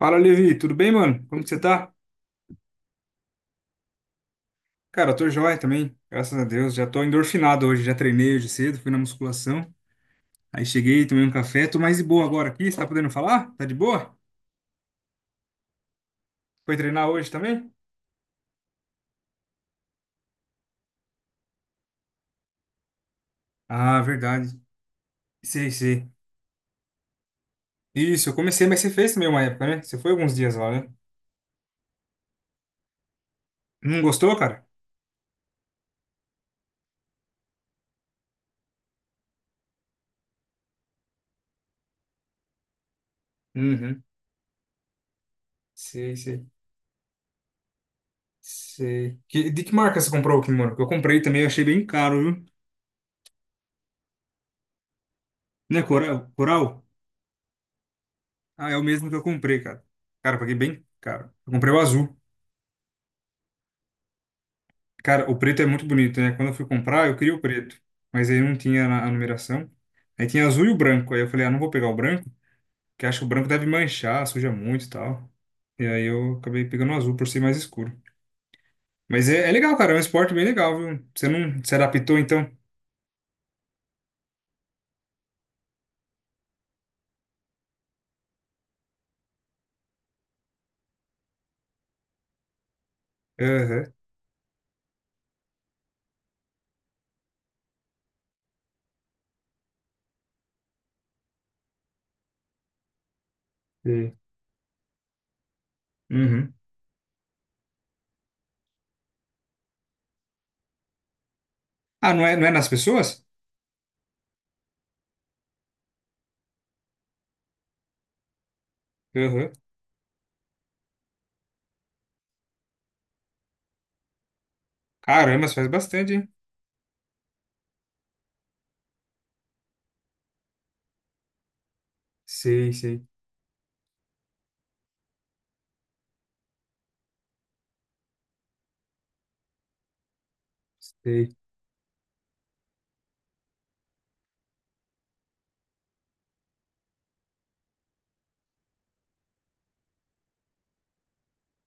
Fala, Levi, tudo bem, mano? Como que você tá? Cara, eu tô joia também, graças a Deus. Já tô endorfinado hoje, já treinei hoje cedo, fui na musculação. Aí cheguei, tomei um café, tô mais de boa agora aqui. Você tá podendo falar? Tá de boa? Foi treinar hoje também? Ah, verdade. Sei, sei. Isso, eu comecei, mas você fez também uma época, né? Você foi alguns dias lá, né? Não gostou, cara? Uhum. Sei, sei. Sei. De que marca você comprou o kimono? Que eu comprei também, eu achei bem caro, viu? Né, Coral? Coral? Ah, é o mesmo que eu comprei, cara. Cara, eu paguei bem caro. Eu comprei o azul. Cara, o preto é muito bonito, né? Quando eu fui comprar, eu queria o preto, mas aí não tinha a numeração. Aí tinha azul e o branco. Aí eu falei, ah, não vou pegar o branco, porque acho que o branco deve manchar, suja muito e tal. E aí eu acabei pegando o azul por ser mais escuro. Mas é legal, cara, é um esporte bem legal, viu? Você não se adaptou, então? Aham. Sei. Uhum. Ah, não é, não é nas pessoas? Aham. Caramba, mas faz bastante, hein? Sei, sei, sei.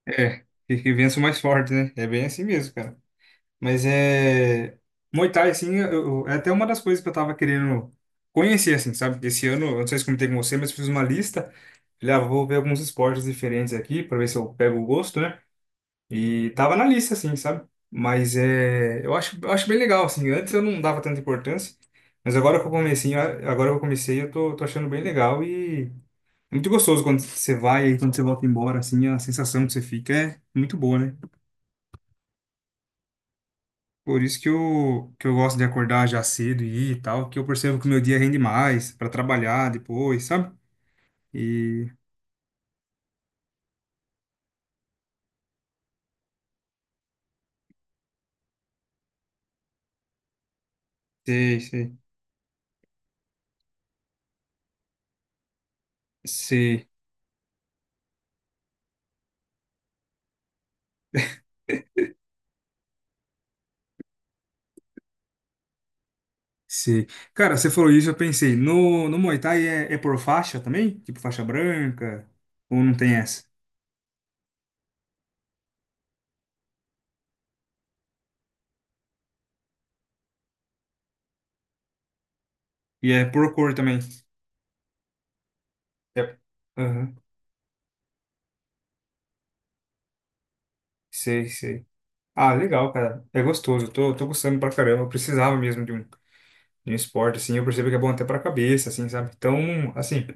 É, que vença o mais forte, né? É bem assim mesmo, cara. Mas é. Muay Thai, assim, é até uma das coisas que eu tava querendo conhecer, assim, sabe? Esse ano, eu não sei se comentei com você, mas fiz uma lista. Falei, ah, vou ver alguns esportes diferentes aqui, pra ver se eu pego o gosto, né? E tava na lista, assim, sabe? Mas é. Eu acho bem legal, assim. Antes eu não dava tanta importância, mas agora que eu comecei, eu tô achando bem legal e. É muito gostoso quando você vai e quando você volta embora, assim, a sensação que você fica é muito boa, né? Por isso que eu gosto de acordar já cedo e ir e tal, que eu percebo que o meu dia rende mais para trabalhar depois, sabe? E sei, sei, sei, sei. Cara, você falou isso, eu pensei, no Muay Thai é por faixa também? Tipo faixa branca? Ou não tem essa? E é por cor também? É. Aham, sei, sei. Ah, legal, cara. É gostoso, tô gostando pra caramba. Eu precisava mesmo de um esporte, assim, eu percebo que é bom até pra cabeça, assim, sabe? Então, assim,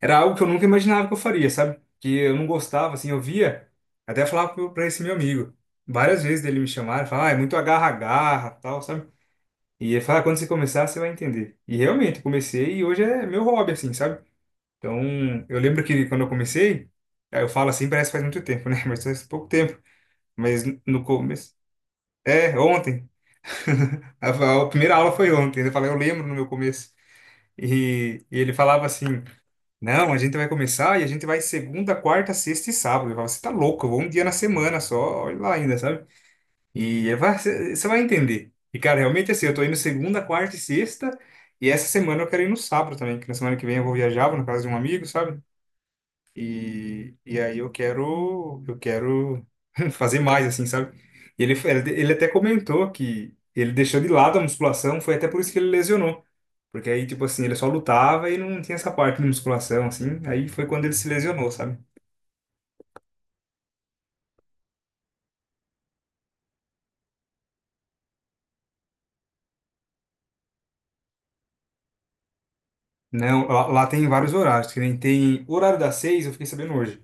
era algo que eu nunca imaginava que eu faria, sabe? Que eu não gostava, assim, eu via, até falava pra esse meu amigo, várias vezes dele me chamaram, falava, ah, é muito agarra-agarra, tal, sabe? E ele fala, quando você começar, você vai entender. E realmente, eu comecei e hoje é meu hobby, assim, sabe? Então, eu lembro que quando eu comecei, aí eu falo assim, parece que faz muito tempo, né? Mas faz pouco tempo. Mas no começo. É, ontem. A a primeira aula foi ontem. Eu falei, eu lembro no meu começo. E ele falava assim: Não, a gente vai começar e a gente vai segunda, quarta, sexta e sábado. Eu falava: Você tá louco, eu vou um dia na semana só, olha lá ainda, sabe? E ele vai, você vai entender. E cara, realmente assim, eu tô indo segunda, quarta e sexta, e essa semana eu quero ir no sábado também, que na semana que vem eu vou viajar, vou na casa de um amigo, sabe? E aí eu quero fazer mais, assim, sabe? E ele até comentou que ele deixou de lado a musculação, foi até por isso que ele lesionou. Porque aí, tipo assim, ele só lutava e não tinha essa parte de musculação, assim. Aí foi quando ele se lesionou, sabe? Não, lá tem vários horários, que nem tem o horário das seis, eu fiquei sabendo hoje.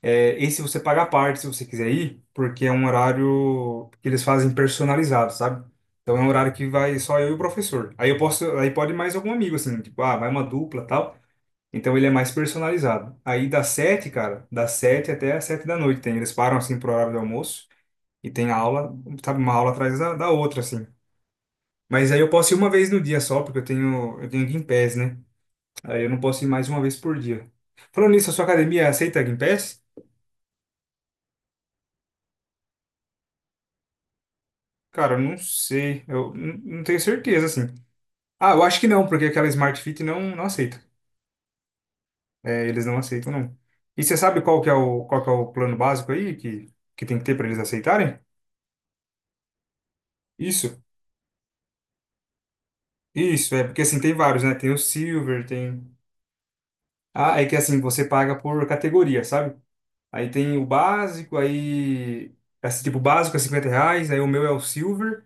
É, esse você paga a parte se você quiser ir, porque é um horário que eles fazem personalizado, sabe? Então é um horário que vai só eu e o professor. Aí eu posso, aí pode mais algum amigo, assim, tipo, ah, vai uma dupla, tal. Então ele é mais personalizado. Aí das sete, cara, das sete até as sete da noite tem. Eles param assim pro horário do almoço e tem aula, sabe, uma aula atrás da outra, assim. Mas aí eu posso ir uma vez no dia só, porque eu tenho Game né? Aí eu não posso ir mais uma vez por dia. Falando nisso, a sua academia aceita Game Cara, eu não sei. Eu não tenho certeza, assim. Ah, eu acho que não, porque aquela Smart Fit não, não aceita. É, eles não aceitam, não. E você sabe qual que é o plano básico aí que tem que ter para eles aceitarem? Isso. Isso, é, porque assim, tem vários, né? Tem o Silver, tem... Ah, é que assim, você paga por categoria, sabe? Aí tem o básico, aí. Esse tipo básico é R$ 50, aí o meu é o Silver,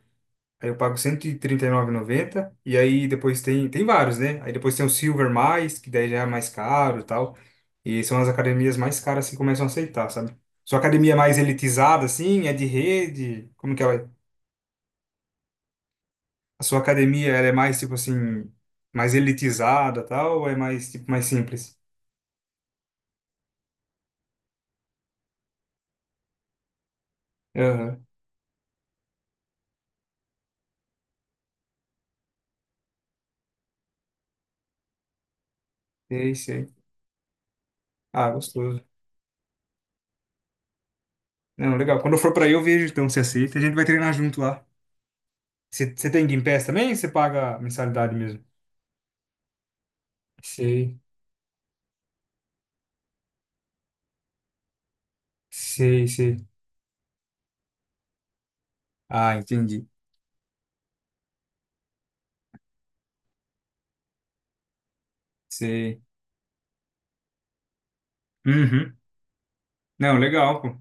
aí eu pago 139,90. E 39,90. E aí depois tem. Tem vários, né? Aí depois tem o Silver mais, que daí já é mais caro e tal. E são as academias mais caras que começam a aceitar, sabe? Sua academia é mais elitizada, assim, é de rede? Como que ela é? A sua academia, ela é mais, tipo assim, mais elitizada, tal, ou é mais, tipo, mais simples? Aham, sei, sei. Ah, gostoso. Não, legal. Quando eu for pra aí, eu vejo, então, se aceita. A gente vai treinar junto lá. Você tem Game Pass também? Ou você paga mensalidade mesmo? Sei, sei, sei. Ah, entendi. Sei. Uhum. Não, legal, pô.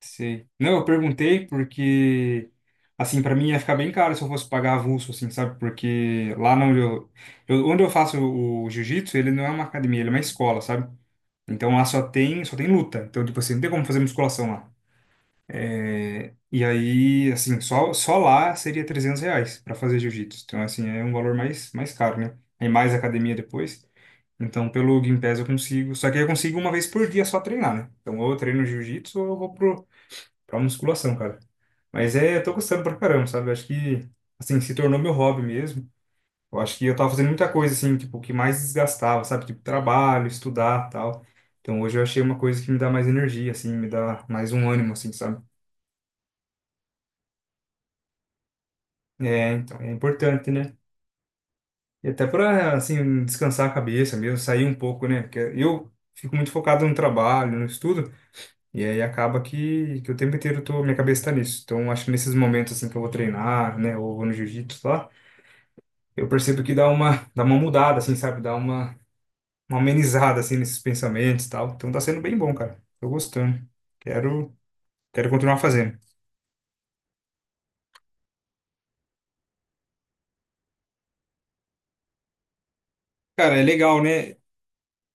Sei. Não, eu perguntei porque, assim, pra mim ia ficar bem caro se eu fosse pagar avulso, assim, sabe? Porque lá onde eu, onde eu faço o jiu-jitsu, ele não é uma academia, ele é uma escola, sabe? Então lá só tem luta. Então, tipo assim, não tem como fazer musculação lá. E aí, assim, só lá seria R$ 300 para fazer jiu-jitsu. Então, assim, é um valor mais caro, né? Aí mais academia depois. Então, pelo Gympass eu consigo. Só que eu consigo uma vez por dia só treinar, né? Então, ou eu treino jiu-jitsu ou eu vou pro, pra musculação, cara. Mas é, eu tô gostando pra caramba, sabe? Eu acho que, assim, se tornou meu hobby mesmo. Eu acho que eu tava fazendo muita coisa, assim, tipo, que mais desgastava, sabe? Tipo, trabalho, estudar, tal. Então, hoje eu achei uma coisa que me dá mais energia, assim, me dá mais um ânimo, assim, sabe? É, então, é importante, né? E até para, assim, descansar a cabeça mesmo, sair um pouco, né? Porque eu fico muito focado no trabalho, no estudo, e aí acaba que o tempo inteiro eu tô, minha cabeça tá nisso. Então, acho que nesses momentos, assim, que eu vou treinar, né, ou vou no jiu-jitsu lá, eu percebo que dá uma mudada, assim, sabe? Dá uma amenizada, assim, nesses pensamentos e tal. Então, tá sendo bem bom, cara. Tô gostando. Quero, quero continuar fazendo. Cara, é legal, né?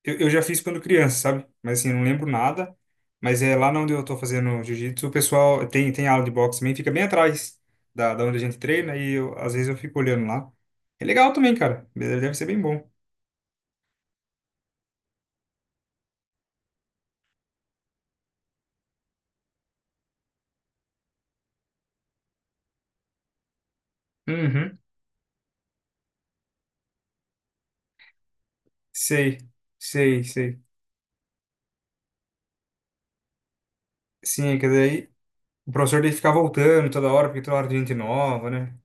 Eu já fiz quando criança, sabe? Mas assim, eu não lembro nada. Mas é lá onde eu tô fazendo jiu-jitsu, o pessoal tem, tem aula de boxe também, fica bem atrás da onde a gente treina e eu, às vezes eu fico olhando lá. É legal também, cara. Deve ser bem bom. Uhum. Sei, sei, sei. Sim, é que daí o professor dele ficar voltando toda hora, porque toda hora tem gente nova, né?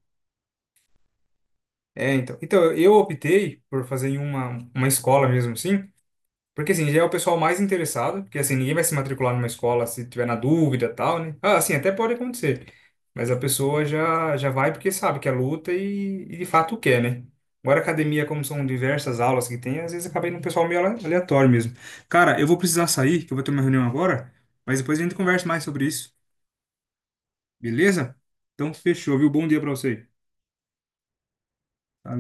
É, então. Então, eu optei por fazer em uma escola mesmo, assim. Porque assim, já é o pessoal mais interessado, porque assim, ninguém vai se matricular numa escola se tiver na dúvida e tal, né? Ah, assim, até pode acontecer. Mas a pessoa já vai porque sabe que é luta e de fato quer, né? Agora, academia, como são diversas aulas que tem, às vezes acaba indo um pessoal meio aleatório mesmo. Cara, eu vou precisar sair, que eu vou ter uma reunião agora, mas depois a gente conversa mais sobre isso, beleza? Então, fechou, viu? Bom dia pra você. Valeu.